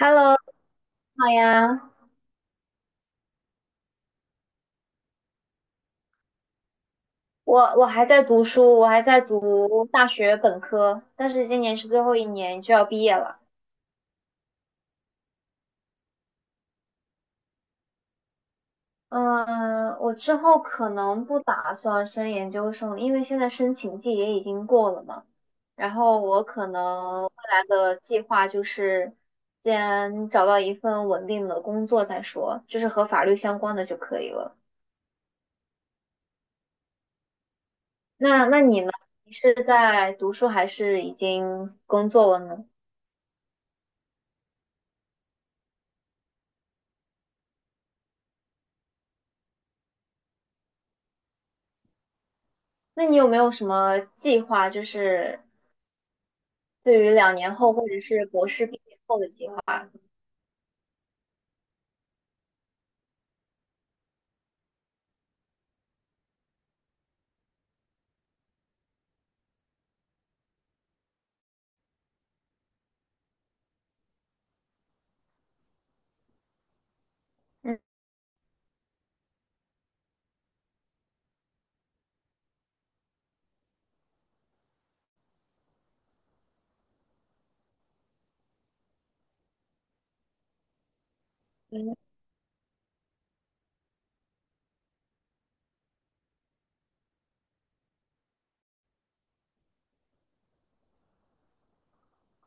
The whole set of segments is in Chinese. Hello，你好呀，我还在读书，我还在读大学本科，但是今年是最后一年就要毕业了。嗯，我之后可能不打算升研究生，因为现在申请季也已经过了嘛。然后我可能未来的计划就是先找到一份稳定的工作再说，就是和法律相关的就可以了。那你呢？你是在读书还是已经工作了呢？那你有没有什么计划，就是对于两年后或者是博士毕业后的计划？嗯嗯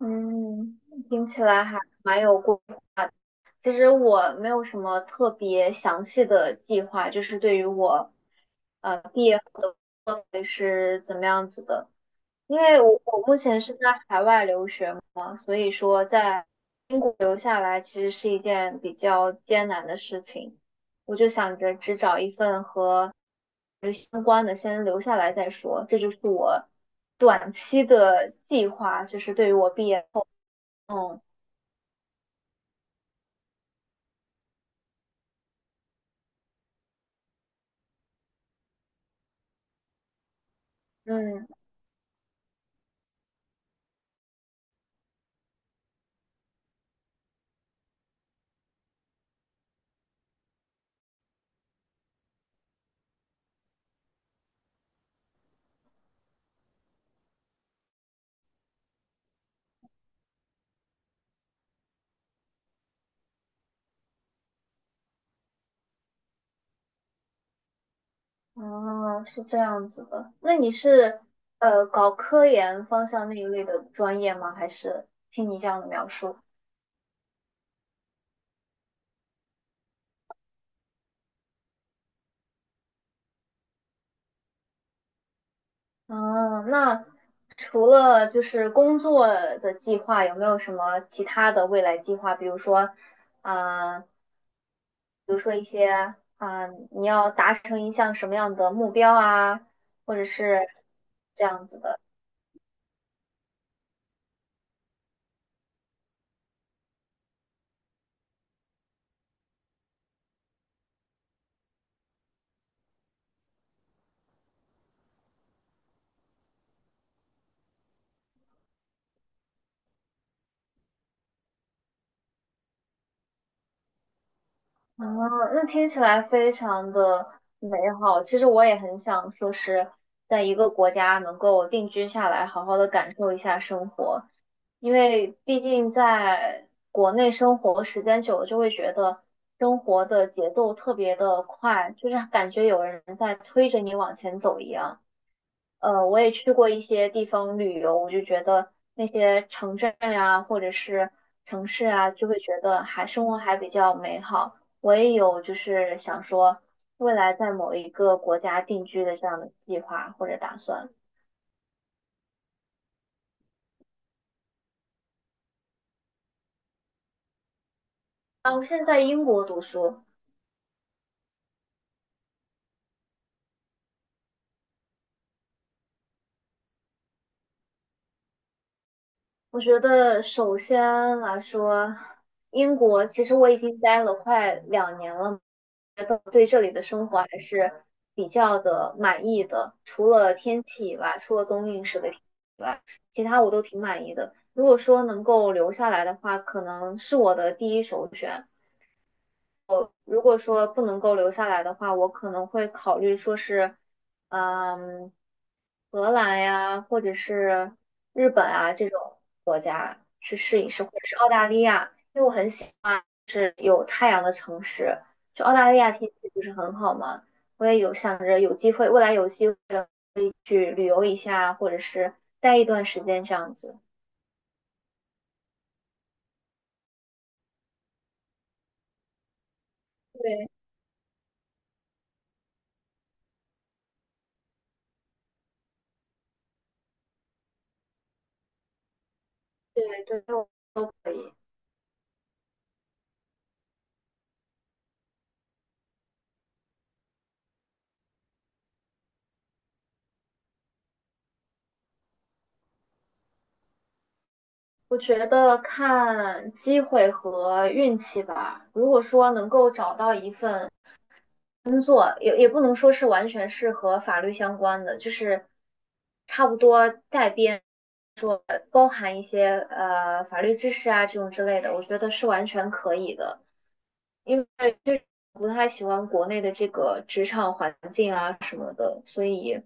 嗯听起来还蛮有过其实我没有什么特别详细的计划，就是对于我毕业后的会是怎么样子的。因为我目前是在海外留学嘛，所以说在英国留下来其实是一件比较艰难的事情。我就想着只找一份和相关的先留下来再说。这就是我短期的计划，就是对于我毕业后，嗯嗯，哦，是这样子的。那你是搞科研方向那一类的专业吗？还是听你这样的描述？嗯，那除了就是工作的计划，有没有什么其他的未来计划？比如说，呃，比如说一些啊、你要达成一项什么样的目标啊，或者是这样子的。啊，那听起来非常的美好。其实我也很想说是在一个国家能够定居下来，好好的感受一下生活，因为毕竟在国内生活时间久了，就会觉得生活的节奏特别的快，就是感觉有人在推着你往前走一样。呃，我也去过一些地方旅游，我就觉得那些城镇呀，或者是城市啊，就会觉得还生活还比较美好。我也有就是想说，未来在某一个国家定居的这样的计划或者打算。啊，我现在在英国读书，我觉得首先来说，英国其实我已经待了快两年了，觉得对这里的生活还是比较的满意的。除了天气以外，除了冬令时的天气以外，其他我都挺满意的。如果说能够留下来的话，可能是我的第一首选。如果说不能够留下来的话，我可能会考虑说是，嗯，荷兰呀，或者是日本啊这种国家去试一试，或者是澳大利亚啊有太阳的城市。就澳大利亚天气不是很好嘛，我也有想着有机会，未来有机会的去旅游一下，或者是待一段时间这样子。对对对，都可以。我觉得看机会和运气吧。如果说能够找到一份工作，也不能说是完全是和法律相关的，就是差不多带边，包含一些法律知识啊这种之类的，我觉得是完全可以的。因为就是不太喜欢国内的这个职场环境啊什么的，所以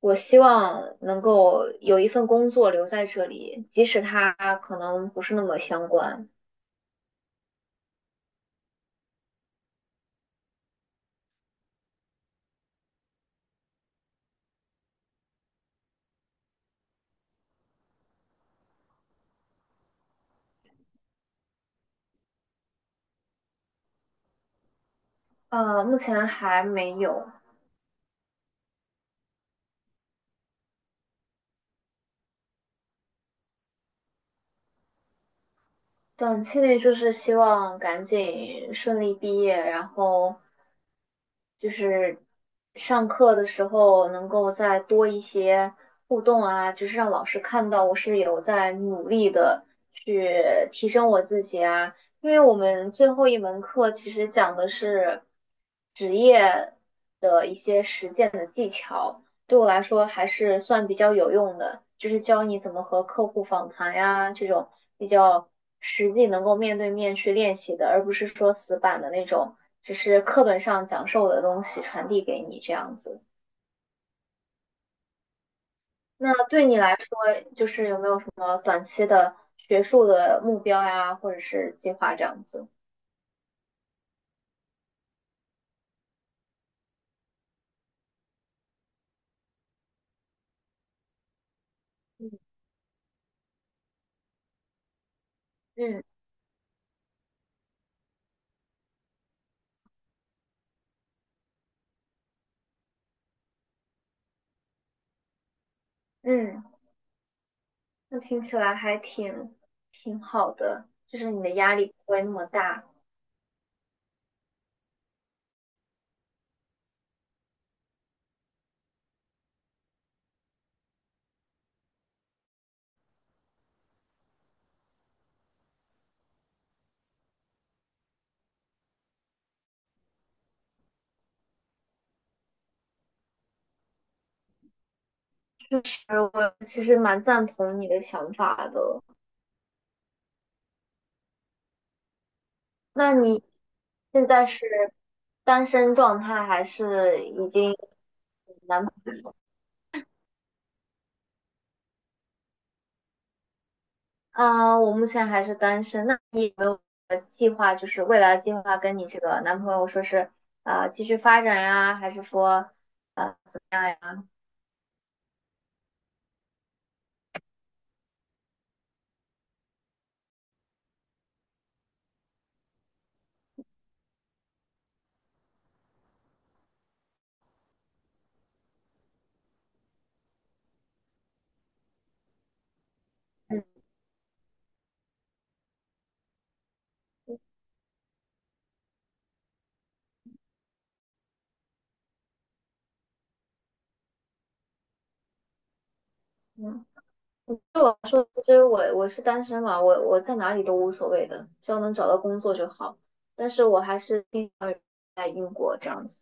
我希望能够有一份工作留在这里，即使它可能不是那么相关。呃，目前还没有，短期内就是希望赶紧顺利毕业，然后就是上课的时候能够再多一些互动啊，就是让老师看到我是有在努力的去提升我自己啊。因为我们最后一门课其实讲的是职业的一些实践的技巧。对我来说还是算比较有用的，就是教你怎么和客户访谈呀，这种比较实际能够面对面去练习的，而不是说死板的那种，只是课本上讲授的东西传递给你这样子。那对你来说，就是有没有什么短期的学术的目标呀，或者是计划这样子？嗯嗯，嗯，那听起来还挺好的，就是你的压力不会那么大。就是我其实蛮赞同你的想法的。那你现在是单身状态，还是已经有男朋友啊，我目前还是单身。那你有没有计划，就是未来计划跟你这个男朋友说是啊、继续发展呀，还是说啊怎么样呀？嗯嗯，对我来说，其实我是单身嘛，我在哪里都无所谓的，只要能找到工作就好。但是我还是定在英国这样子。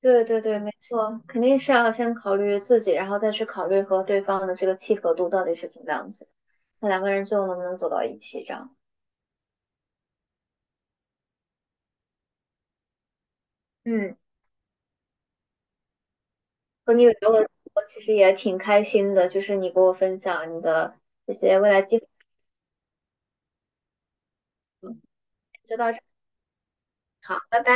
对对对，没错，肯定是要先考虑自己，然后再去考虑和对方的这个契合度到底是怎么样子，那两个人最后能不能走到一起这样。嗯，和你有聊了，我其实也挺开心的，就是你给我分享你的这些未来计划，就到这里，好，拜拜。